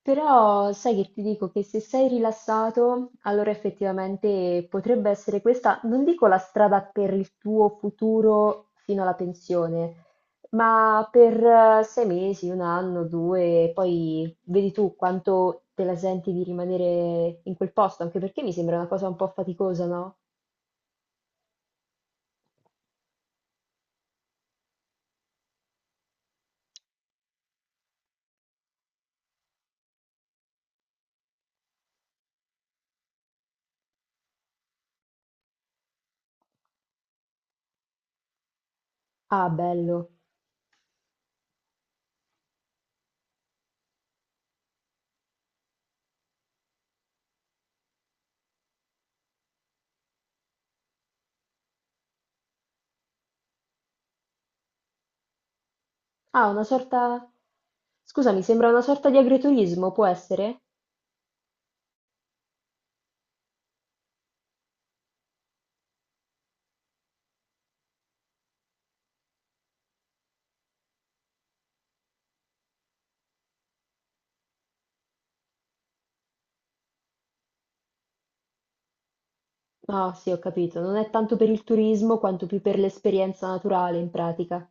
Però sai che ti dico che se sei rilassato, allora effettivamente potrebbe essere questa, non dico la strada per il tuo futuro fino alla pensione, ma per sei mesi, un anno, due, poi vedi tu quanto te la senti di rimanere in quel posto, anche perché mi sembra una cosa un po' faticosa, no? Ah, bello. Ah, una sorta... Scusami, sembra una sorta di agriturismo, può essere? Ah, sì, ho capito. Non è tanto per il turismo quanto più per l'esperienza naturale, in pratica.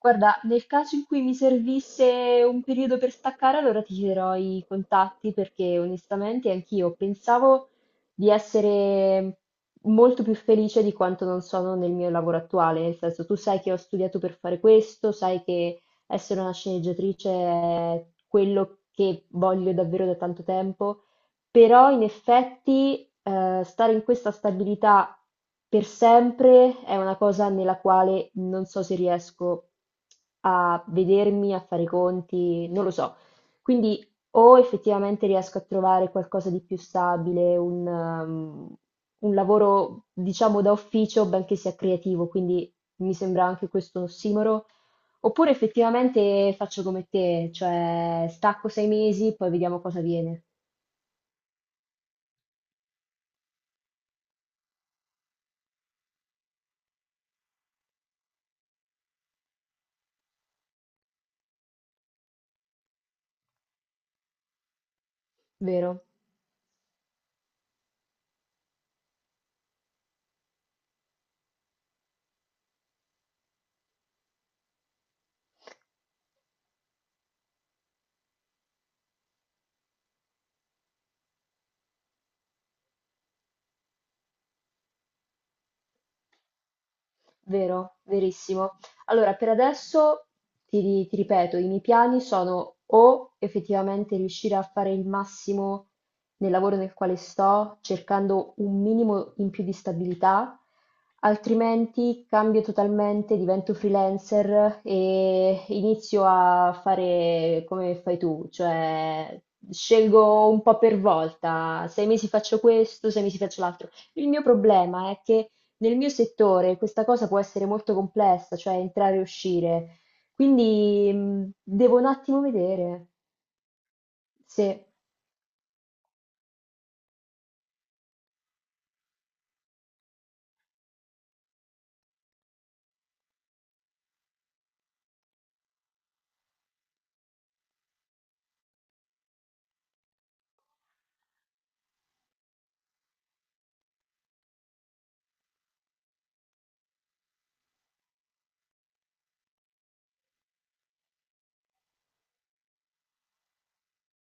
Guarda, nel caso in cui mi servisse un periodo per staccare, allora ti chiederò i contatti perché onestamente anch'io pensavo di essere molto più felice di quanto non sono nel mio lavoro attuale. Nel senso, tu sai che ho studiato per fare questo, sai che essere una sceneggiatrice è quello che voglio davvero da tanto tempo. Però in effetti, stare in questa stabilità per sempre è una cosa nella quale non so se riesco a vedermi, a fare i conti, non lo so. Quindi o effettivamente riesco a trovare qualcosa di più stabile, un lavoro diciamo da ufficio, benché sia creativo, quindi mi sembra anche questo un ossimoro. Oppure effettivamente faccio come te, cioè stacco sei mesi, poi vediamo cosa viene, vero? Vero, verissimo. Allora, per adesso ti ripeto, i miei piani sono o effettivamente riuscire a fare il massimo nel lavoro nel quale sto, cercando un minimo in più di stabilità, altrimenti cambio totalmente, divento freelancer e inizio a fare come fai tu, cioè scelgo un po' per volta, sei mesi faccio questo, sei mesi faccio l'altro. Il mio problema è che nel mio settore questa cosa può essere molto complessa, cioè entrare e uscire, quindi devo un attimo vedere. Sì,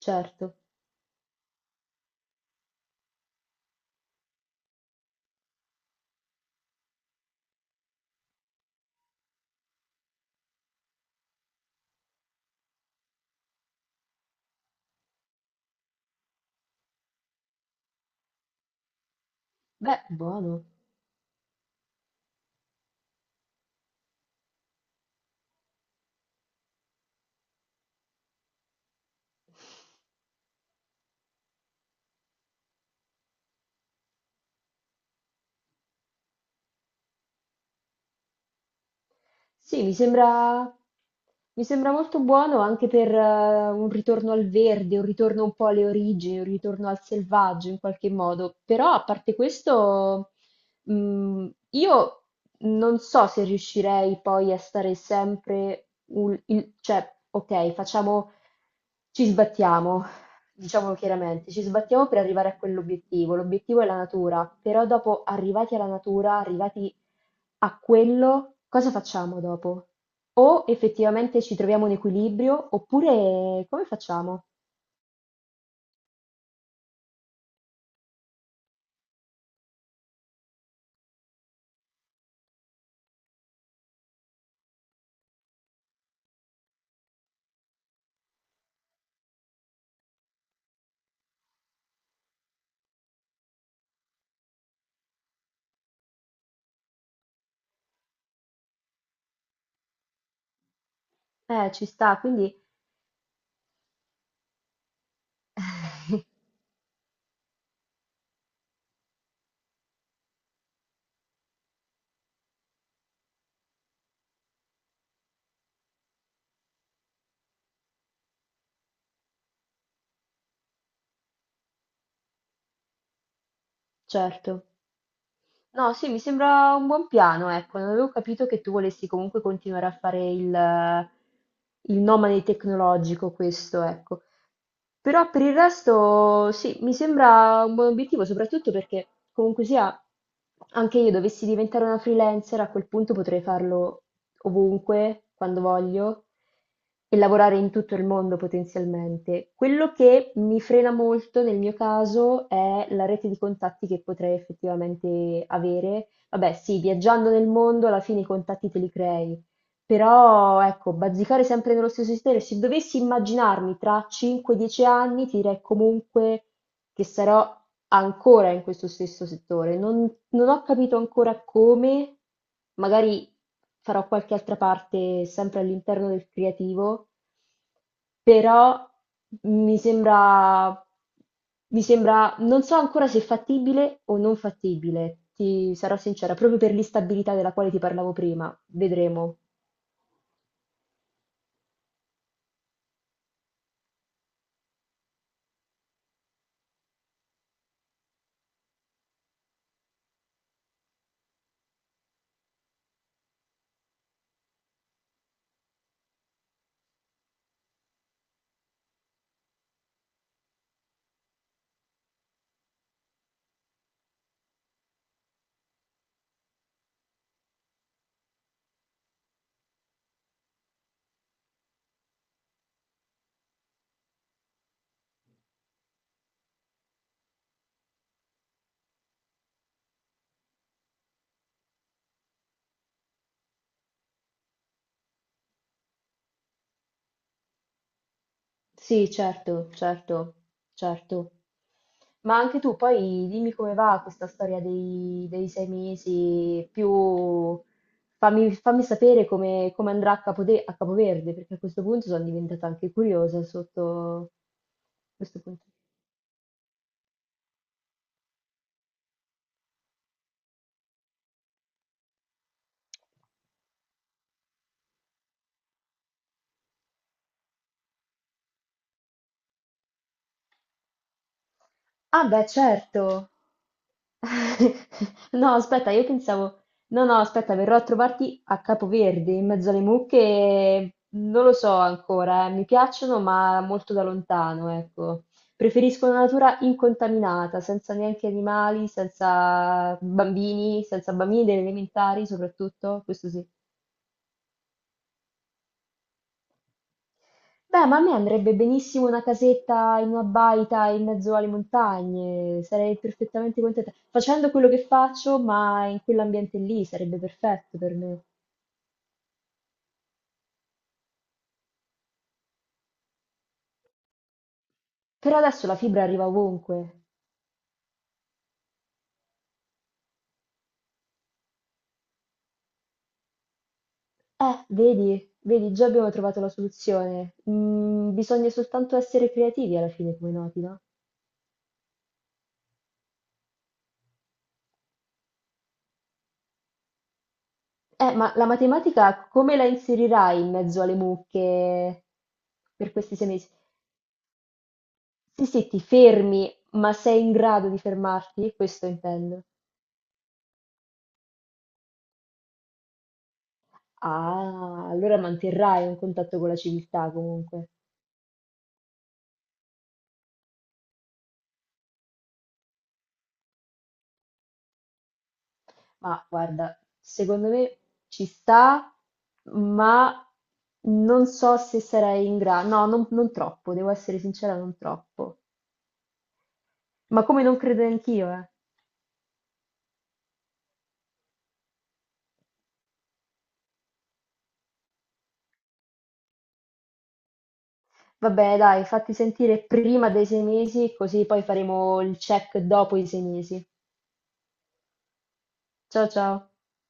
certo. Beh, buono. Sì, mi sembra molto buono anche per un ritorno al verde, un ritorno un po' alle origini, un ritorno al selvaggio in qualche modo. Però a parte questo, io non so se riuscirei poi a stare sempre, un- il- cioè, ok, facciamo, ci sbattiamo, diciamolo chiaramente, ci sbattiamo per arrivare a quell'obiettivo, l'obiettivo è la natura, però dopo arrivati alla natura, arrivati a quello, cosa facciamo dopo? O effettivamente ci troviamo un equilibrio, oppure come facciamo? Ci sta, quindi certo. No, sì, mi sembra un buon piano, ecco, non avevo capito che tu volessi comunque continuare a fare il nomade tecnologico, questo, ecco. Però per il resto sì, mi sembra un buon obiettivo, soprattutto perché comunque sia, anche io dovessi diventare una freelancer, a quel punto potrei farlo ovunque, quando voglio, e lavorare in tutto il mondo potenzialmente. Quello che mi frena molto nel mio caso è la rete di contatti che potrei effettivamente avere. Vabbè, sì, viaggiando nel mondo alla fine i contatti te li crei, però ecco, bazzicare sempre nello stesso settore, se dovessi immaginarmi tra 5-10 anni, ti direi comunque che sarò ancora in questo stesso settore. Non ho capito ancora come, magari farò qualche altra parte sempre all'interno del creativo, però mi sembra, mi sembra, non so ancora se è fattibile o non fattibile, ti sarò sincera, proprio per l'instabilità della quale ti parlavo prima, vedremo. Sì, certo, certo, certo. Ma anche tu poi dimmi come va questa storia dei sei mesi, più fammi sapere come andrà a a Capoverde, perché a questo punto sono diventata anche curiosa sotto questo punto. Ah beh, certo. No, aspetta, No, no, aspetta, verrò a trovarti a Capoverde, in mezzo alle mucche. Non lo so ancora, eh. Mi piacciono, ma molto da lontano, ecco. Preferisco una natura incontaminata, senza neanche animali, senza bambini, senza bambini delle elementari, soprattutto, questo sì. Beh, ma a me andrebbe benissimo una casetta in una baita in mezzo alle montagne, sarei perfettamente contenta. Facendo quello che faccio, ma in quell'ambiente lì sarebbe perfetto per me. Però adesso la fibra arriva ovunque. Vedi, vedi, già abbiamo trovato la soluzione. Bisogna soltanto essere creativi alla fine, come noti, no? Ma la matematica come la inserirai in mezzo alle mucche per questi sei mesi? Sì, sì, ti fermi, ma sei in grado di fermarti? Questo intendo. Ah, allora manterrai un contatto con la civiltà comunque. Ma guarda, secondo me ci sta, ma non so se sarai in grado. No, non troppo, devo essere sincera, non troppo. Ma come non credo anch'io, eh. Vabbè, dai, fatti sentire prima dei sei mesi, così poi faremo il check dopo i sei mesi. Ciao ciao.